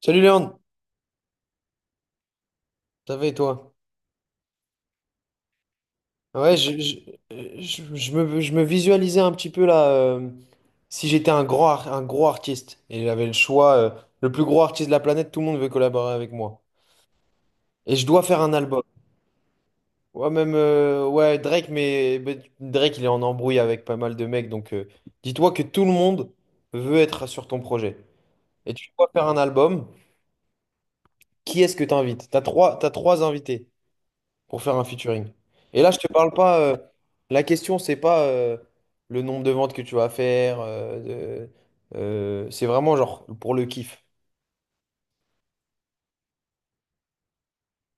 Salut Léon, ça va et toi? Ouais, je me visualisais un petit peu là, si j'étais un grand, un gros artiste et j'avais le choix, le plus gros artiste de la planète, tout le monde veut collaborer avec moi. Et je dois faire un album. Ouais, même, ouais, Drake, mais Drake, il est en embrouille avec pas mal de mecs, donc dis-toi que tout le monde veut être sur ton projet. Et tu dois faire un album, qui est-ce que t'invites? T'as trois invités pour faire un featuring. Et là, je te parle pas. La question, c'est pas le nombre de ventes que tu vas faire. C'est vraiment genre pour le kiff.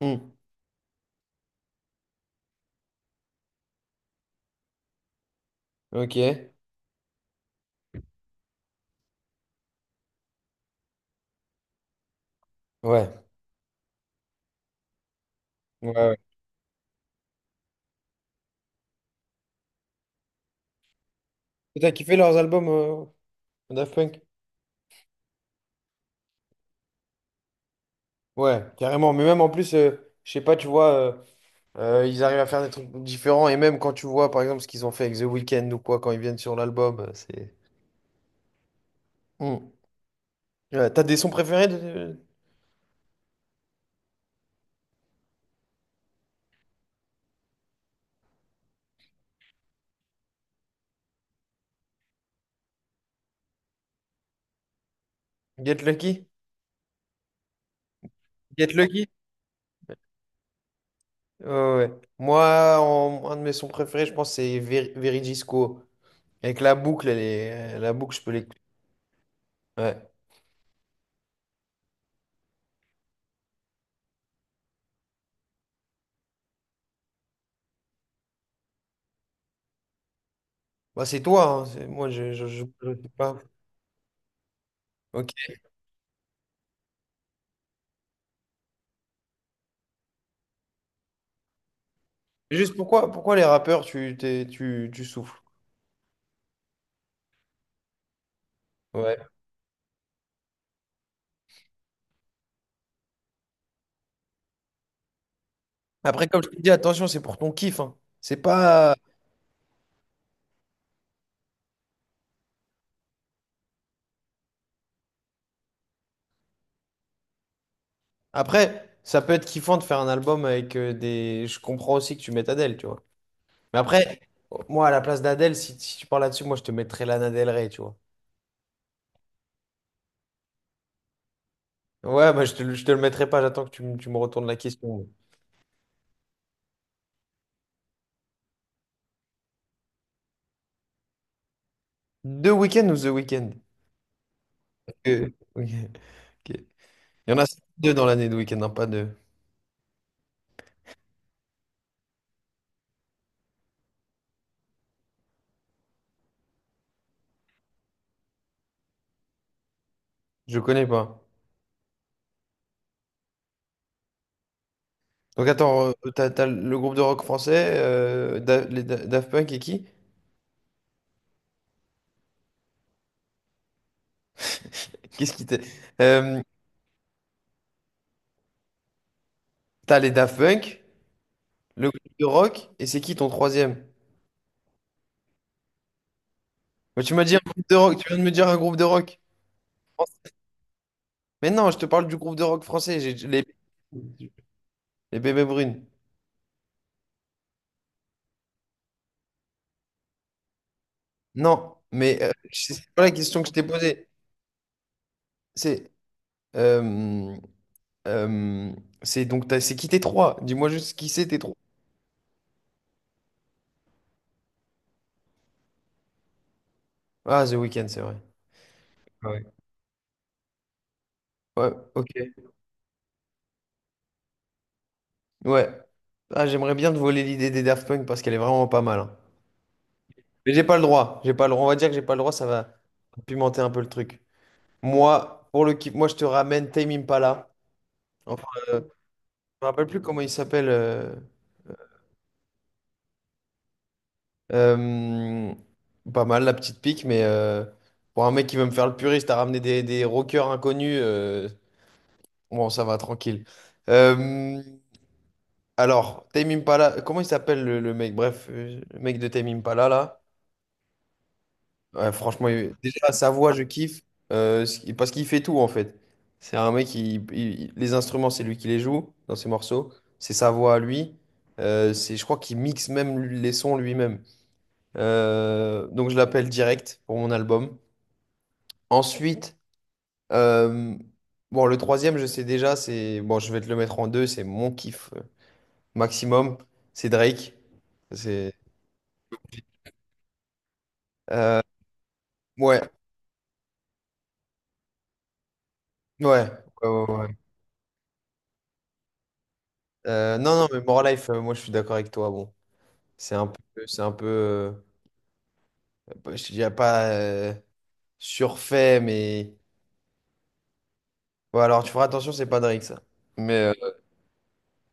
Hmm. Ok. Ouais. Ouais. Ouais. Et t'as kiffé leurs albums, Daft Punk? Ouais, carrément. Mais même en plus, je sais pas, tu vois, ils arrivent à faire des trucs différents. Et même quand tu vois, par exemple, ce qu'ils ont fait avec The Weeknd ou quoi, quand ils viennent sur l'album, c'est. Hmm. Ouais, t'as des sons préférés de Get Lucky? Get Lucky? Ouais, ouais. Ouais. Moi, un de mes sons préférés, je pense, c'est Verigisco. Avec la boucle, je peux l'écouter. Ouais. Bah, c'est toi, hein. Moi, je sais pas. Ok. Juste pourquoi les rappeurs, tu souffles? Ouais. Après, comme je te dis, attention, c'est pour ton kiff, hein. C'est pas. Après, ça peut être kiffant de faire un album avec des. Je comprends aussi que tu mettes Adèle, tu vois. Mais après, moi, à la place d'Adèle, si tu parles là-dessus, moi, je te mettrais Lana Del Rey, tu vois. Ouais, bah, je te le mettrai pas, j'attends que tu me retournes la question. Deux week-ends ou The Weeknd? Euh, ok, ok. Il y en a deux dans l'année de Weeknd, hein, pas deux. Je connais pas. Donc attends, t'as le groupe de rock français, Daft Punk et qui? Qu'est-ce qui t'est? Euh, T'as les Daft Punk, le groupe de rock, et c'est qui ton troisième? Bah, tu m'as dit un groupe de rock, tu viens de me dire un groupe de rock. Mais non, je te parle du groupe de rock français, j'ai les, les Bébés Brunes. Non, mais c'est pas la question que je t'ai posée. C'est Euh, euh, c'est qui tes trois? Dis-moi juste qui c'est tes trois. Ah, The Weeknd, c'est vrai. Ouais. Ouais, ok. Ouais. Ah, j'aimerais bien te voler l'idée des Daft Punk parce qu'elle est vraiment pas mal, hein. Mais j'ai pas le droit. J'ai pas le droit. On va dire que j'ai pas le droit, ça va pimenter un peu le truc. Moi, pour le kiff, moi je te ramène Tame Impala. Enfin, je me rappelle plus comment il s'appelle. Euh, Pas mal la petite pique, mais pour un mec qui veut me faire le puriste, t'as ramené des rockers inconnus. Bon, ça va, tranquille. Euh, alors, Tame Impala, comment il s'appelle le mec? Bref, le mec de Tame Impala, là. Ouais, franchement, déjà, sa voix, je kiffe. Parce qu'il fait tout, en fait. C'est un mec, qui les instruments, c'est lui qui les joue dans ses morceaux. C'est sa voix à lui. C'est, je crois qu'il mixe même les sons lui-même. Donc, je l'appelle direct pour mon album. Ensuite, euh, bon, le troisième, je sais déjà, c'est... Bon, je vais te le mettre en deux, c'est mon kiff, maximum, c'est Drake. C'est euh, ouais, ouais, ouais, ouais, ouais. Non, non, mais More Life, moi je suis d'accord avec toi. Bon, c'est un peu, c'est un peu, je dirais pas surfait, mais bon, alors tu feras attention, c'est pas Drake ça. Mais, euh,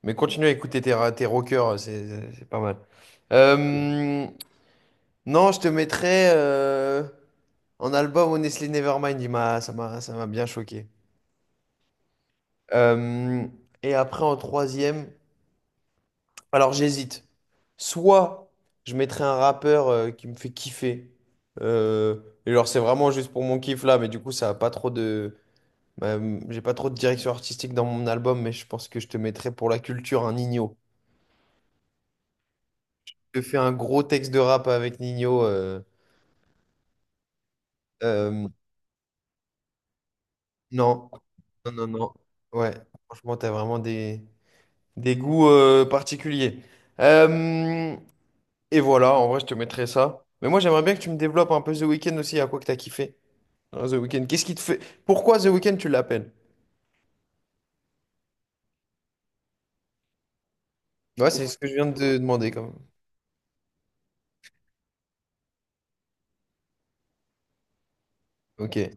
mais continue à écouter tes rockers, c'est pas mal. Euh, non, je te mettrais en album Honestly Nevermind, ça m'a bien choqué. Euh, et après en troisième. Alors j'hésite. Soit je mettrais un rappeur qui me fait kiffer. Euh, et genre c'est vraiment juste pour mon kiff là, mais du coup ça a pas trop de... Bah, j'ai pas trop de direction artistique dans mon album, mais je pense que je te mettrais pour la culture un Nino. Je te fais un gros texte de rap avec Nino. Euh, non, non, non, non. Ouais, franchement t'as vraiment des goûts particuliers. Euh, et voilà, en vrai je te mettrais ça. Mais moi j'aimerais bien que tu me développes un peu The Weeknd aussi, à quoi que t'as kiffé. Ah, The Weeknd, qu'est-ce qui te fait... Pourquoi The Weeknd tu l'appelles? Ouais, c'est ce que je viens de te demander quand même. Ok.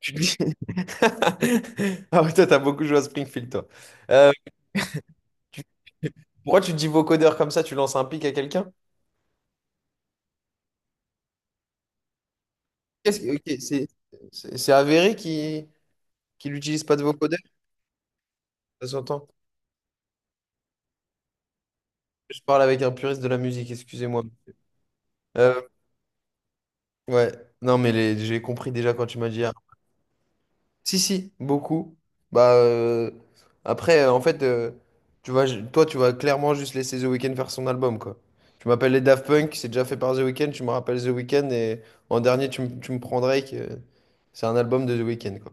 Tu te dis- Ah ouais, toi, t'as beaucoup joué à Springfield, toi. Euh, tu- Pourquoi tu te dis vocodeur comme ça, tu lances un pic à quelqu'un? Ok, c'est c'est avéré qu'il n'utilise pas de vocodeur, ça s'entend. Je parle avec un puriste de la musique, excusez-moi. Euh, ouais, non mais j'ai compris déjà quand tu m'as dit... Si, si, beaucoup. Bah, après, en fait, tu vas, toi, tu vas clairement juste laisser The Weeknd faire son album, quoi. Tu m'appelles les Daft Punk, c'est déjà fait par The Weeknd, tu me rappelles The Weeknd, et en dernier, tu me prends Drake. C'est un album de The Weeknd, quoi.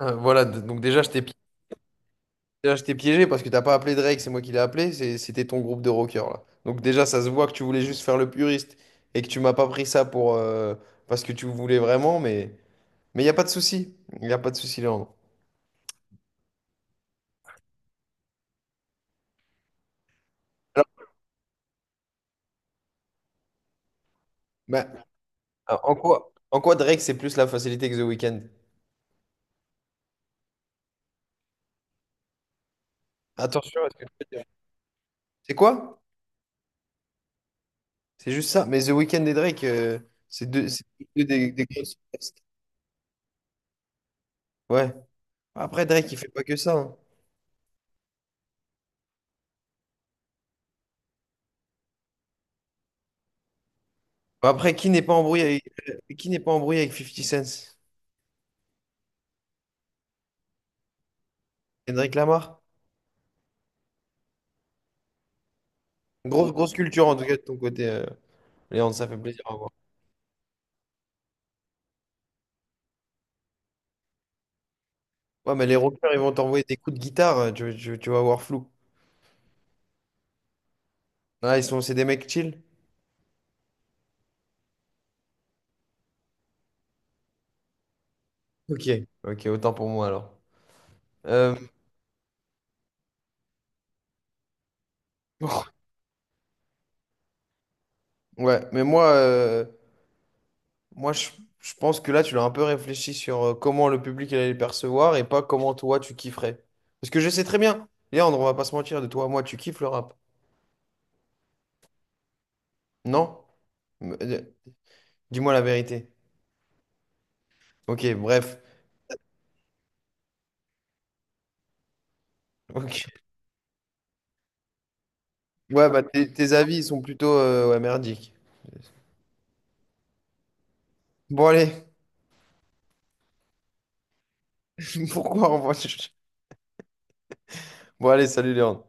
Voilà, donc déjà, déjà, je t'ai piégé parce que t'as pas appelé Drake, c'est moi qui l'ai appelé, c'était ton groupe de rockers, là. Donc déjà, ça se voit que tu voulais juste faire le puriste et que tu m'as pas pris ça pour, parce que tu voulais vraiment, mais n'y a pas de souci. Il n'y a pas de souci, là. Ah, en quoi Drake, c'est plus la facilité que The Weeknd? Attention à ce que tu veux dire. C'est quoi? C'est juste ça. Mais The Weeknd et Drake, c'est deux des grosses superstars. Ouais. Après, Drake, il fait pas que ça, hein. Bah, après, qui n'est pas embrouillé avec Fifty Cent? Kendrick Lamar? Grosse, grosse culture, en tout cas, de ton côté, Léandre, ça fait plaisir à voir. Ouais, mais les rockers, ils vont t'envoyer des coups de guitare, tu vas voir flou. Ah, c'est des mecs chill? Ok. Ok, autant pour moi, alors. Euh, Ouais, mais moi, moi, je pense que là, tu l'as un peu réfléchi sur comment le public allait le percevoir et pas comment toi, tu kifferais. Parce que je sais très bien, Léandre, on va pas se mentir, de toi à moi, tu kiffes le rap. Non? Mais, dis-moi la vérité. Ok, bref. Ok. Ouais, bah tes avis ils sont plutôt ouais, merdiques. Bon, allez, pourquoi on va... Bon, allez, salut Léandre.